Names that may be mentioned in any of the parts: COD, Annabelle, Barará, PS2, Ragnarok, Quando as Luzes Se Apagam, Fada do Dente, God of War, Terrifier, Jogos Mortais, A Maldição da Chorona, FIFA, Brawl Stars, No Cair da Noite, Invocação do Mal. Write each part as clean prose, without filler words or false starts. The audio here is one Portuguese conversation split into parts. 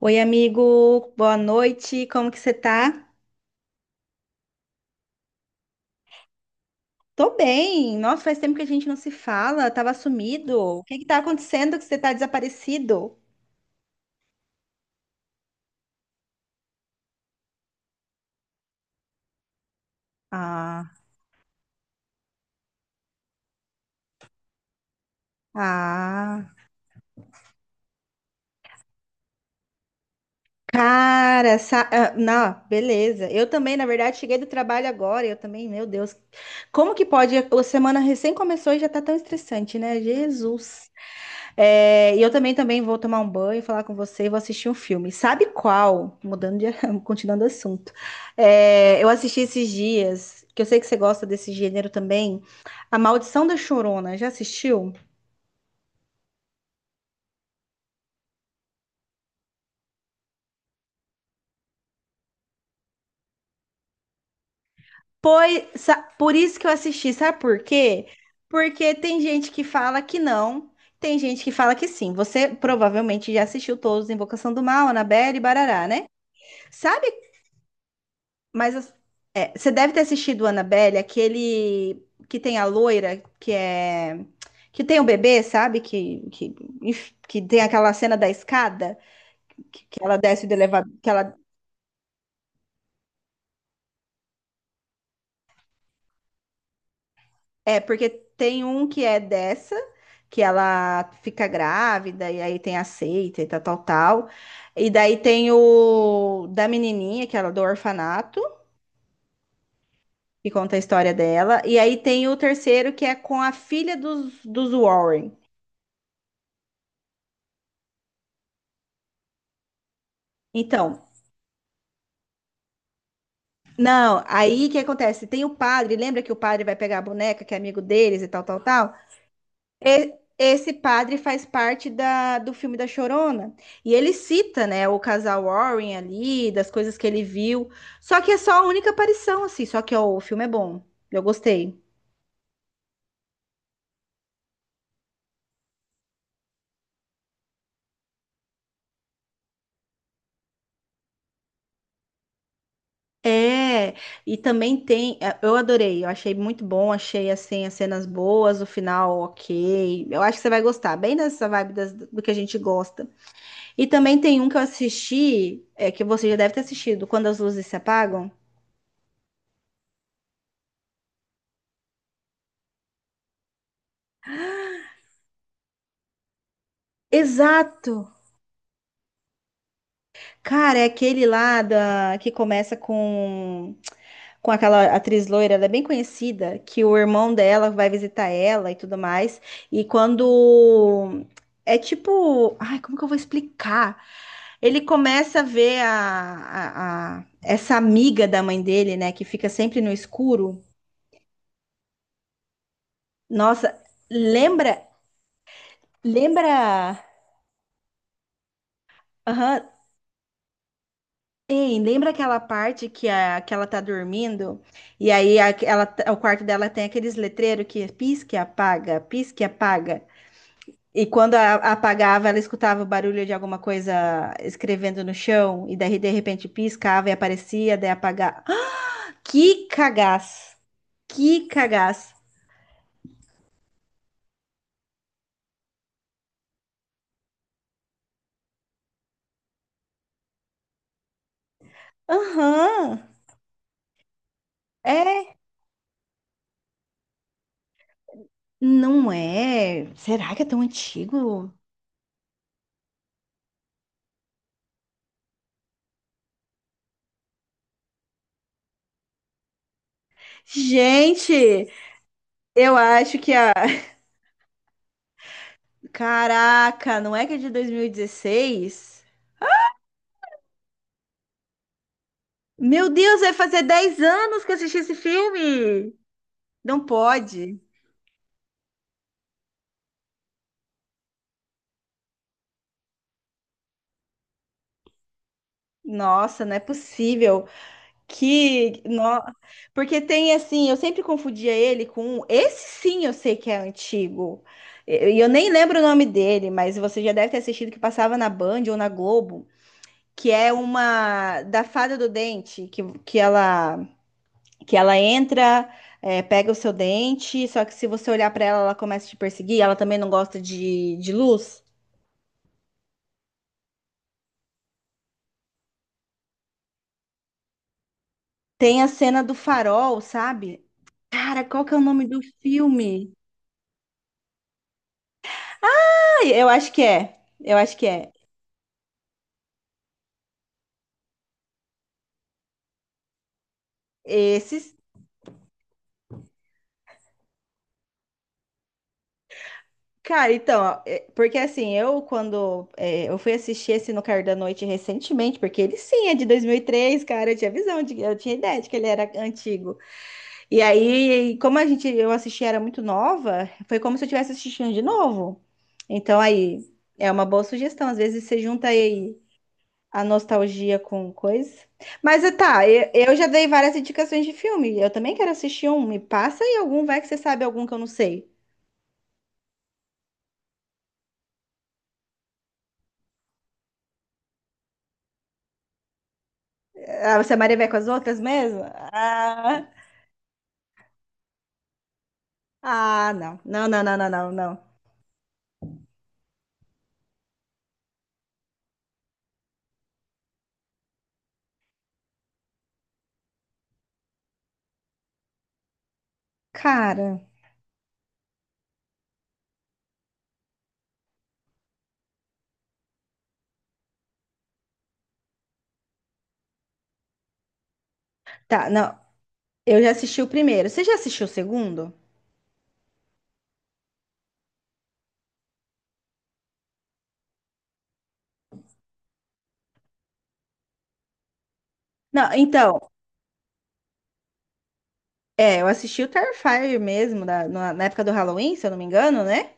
Oi, amigo, boa noite, como que você tá? Tô bem, nossa, faz tempo que a gente não se fala, tava sumido. O que que tá acontecendo que você tá desaparecido? Ah, ah, não, beleza. Eu também, na verdade, cheguei do trabalho agora, eu também, meu Deus. Como que pode? A semana recém começou e já tá tão estressante, né? Jesus. É, e eu também vou tomar um banho, falar com você e vou assistir um filme. Sabe qual? Continuando o assunto. É, eu assisti esses dias, que eu sei que você gosta desse gênero também, A Maldição da Chorona. Já assistiu? Pois, por isso que eu assisti, sabe por quê? Porque tem gente que fala que não, tem gente que fala que sim. Você provavelmente já assistiu todos, Invocação do Mal, Annabelle e Barará, né? Sabe. Mas é, você deve ter assistido Annabelle, aquele que tem a loira, que é que tem o bebê, sabe? Que tem aquela cena da escada, que ela desce do elevador, que ela é porque tem um que é dessa, que ela fica grávida e aí tem a seita e tal, tal, tal. E daí tem o da menininha, que ela é do orfanato. Que conta a história dela. E aí tem o terceiro, que é com a filha dos Warren. Então, não, aí o que acontece? Tem o padre, lembra que o padre vai pegar a boneca, que é amigo deles e tal, tal, tal? E- esse padre faz parte da, do filme da Chorona. E ele cita, né, o casal Warren ali, das coisas que ele viu. Só que é só a única aparição, assim. Só que, ó, o filme é bom. Eu gostei. É, e também tem. Eu adorei, eu achei muito bom, achei assim as cenas boas, o final ok. Eu acho que você vai gostar, bem nessa vibe do que a gente gosta. E também tem um que eu assisti, é, que você já deve ter assistido, Quando as Luzes Se Apagam. Exato! Cara, é aquele lá da, que começa com aquela atriz loira, ela é bem conhecida, que o irmão dela vai visitar ela e tudo mais. E quando. É tipo. Ai, como que eu vou explicar? Ele começa a ver essa amiga da mãe dele, né, que fica sempre no escuro. Nossa, lembra. Lembra. Aham. Ei, lembra aquela parte que, a, que ela tá dormindo? E aí o quarto dela tem aqueles letreiros que pisca e apaga, pisca e apaga. E quando apagava, ela escutava o barulho de alguma coisa escrevendo no chão, e daí de repente piscava e aparecia, daí apagava. Que cagaço! Que cagaço! Aham! É, não é? Será que é tão antigo? Gente, eu acho que a. Caraca, não é que é de 2016? Meu Deus, vai fazer 10 anos que eu assisti esse filme! Não pode. Nossa, não é possível. Que. No... Porque tem assim, eu sempre confundia ele com. Esse sim eu sei que é antigo. E eu nem lembro o nome dele, mas você já deve ter assistido que passava na Band ou na Globo, que é uma da Fada do Dente, que ela entra, é, pega o seu dente, só que se você olhar pra ela, ela começa a te perseguir, ela também não gosta de luz. Tem a cena do farol, sabe? Cara, qual que é o nome do filme? Ah, eu acho que é. Eu acho que é. Esses. Cara, então, ó, porque assim, eu quando é, eu fui assistir esse No Cair da Noite recentemente, porque ele sim é de 2003, cara, eu tinha visão, de, eu tinha ideia de que ele era antigo. E aí, como a gente, eu assisti, era muito nova, foi como se eu estivesse assistindo de novo. Então, aí, é uma boa sugestão. Às vezes você junta aí a nostalgia com coisa. Mas eu já dei várias indicações de filme. Eu também quero assistir um. Me passa aí algum, vai que você sabe algum que eu não sei. Ah, você é Maria vai com as outras mesmo? Ah, não. Não, não, não, não, não, não. Cara, tá, não. Eu já assisti o primeiro. Você já assistiu o segundo? Não, então. É, eu assisti o Terrifier mesmo, na, na época do Halloween, se eu não me engano, né?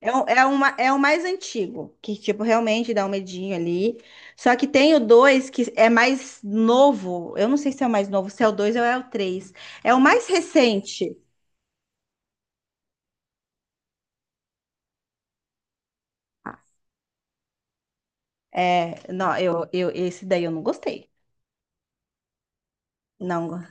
É, é o mais antigo, que, tipo, realmente dá um medinho ali. Só que tem o 2 que é mais novo. Eu não sei se é o mais novo, se é o 2 ou é o três. É o mais recente. É, não, eu, esse daí eu não gostei. Não. Go-.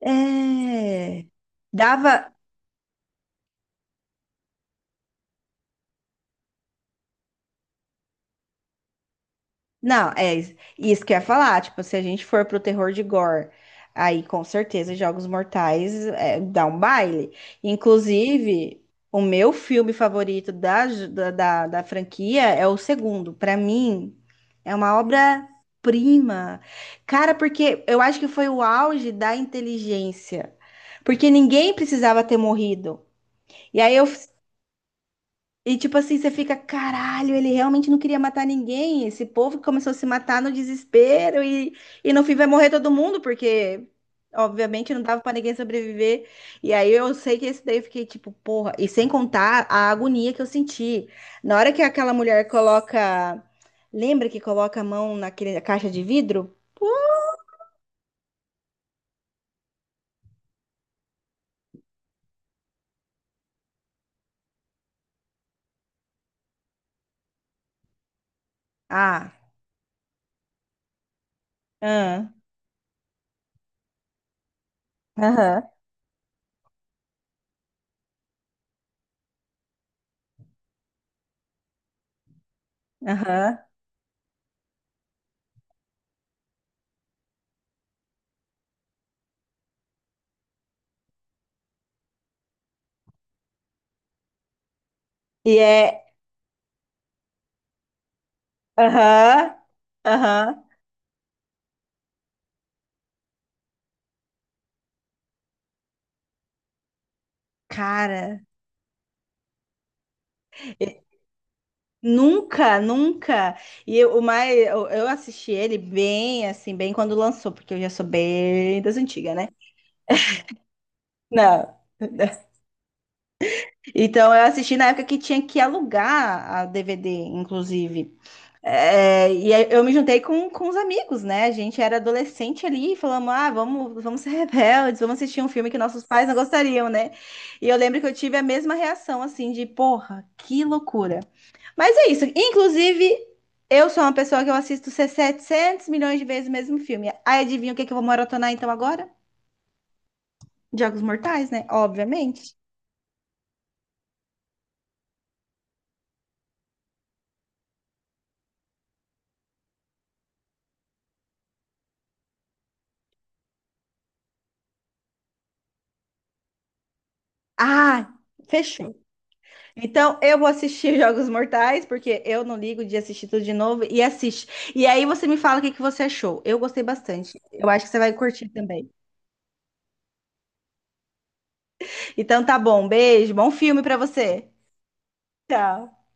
É. Dava, não, é isso que eu ia falar. Tipo, se a gente for pro terror de gore, aí com certeza Jogos Mortais é, dá um baile. Inclusive, o meu filme favorito da, j- da, da, da franquia é o segundo. Pra mim, é uma obra-prima. Cara, porque eu acho que foi o auge da inteligência. Porque ninguém precisava ter morrido. E aí eu e tipo assim, você fica, caralho, ele realmente não queria matar ninguém. Esse povo que começou a se matar no desespero e no fim vai morrer todo mundo, porque obviamente não dava pra ninguém sobreviver. E aí eu sei que esse daí eu fiquei tipo, porra, e sem contar a agonia que eu senti. Na hora que aquela mulher coloca, lembra que coloca a mão naquele, na caixa de vidro? Ah, ah, aham, aham. E é, aham, aham. Cara. Nunca, nunca. E eu, o mais, eu assisti ele bem, assim, bem quando lançou, porque eu já sou bem das antigas, né? Não. Então eu assisti na época que tinha que alugar a DVD, inclusive. É, e aí eu me juntei com os amigos, né? A gente era adolescente ali, falamos, ah, vamos ser rebeldes, vamos assistir um filme que nossos pais não gostariam, né? E eu lembro que eu tive a mesma reação, assim, de, porra, que loucura. Mas é isso. Inclusive, eu sou uma pessoa que eu assisto 700 milhões de vezes o mesmo filme. Aí adivinha o que que eu vou maratonar então agora? Jogos Mortais, né? Obviamente. Ah, fechou. Então eu vou assistir Jogos Mortais, porque eu não ligo de assistir tudo de novo e assiste. E aí você me fala o que que você achou. Eu gostei bastante. Eu acho que você vai curtir também. Então tá bom. Beijo, bom filme pra você. Tchau.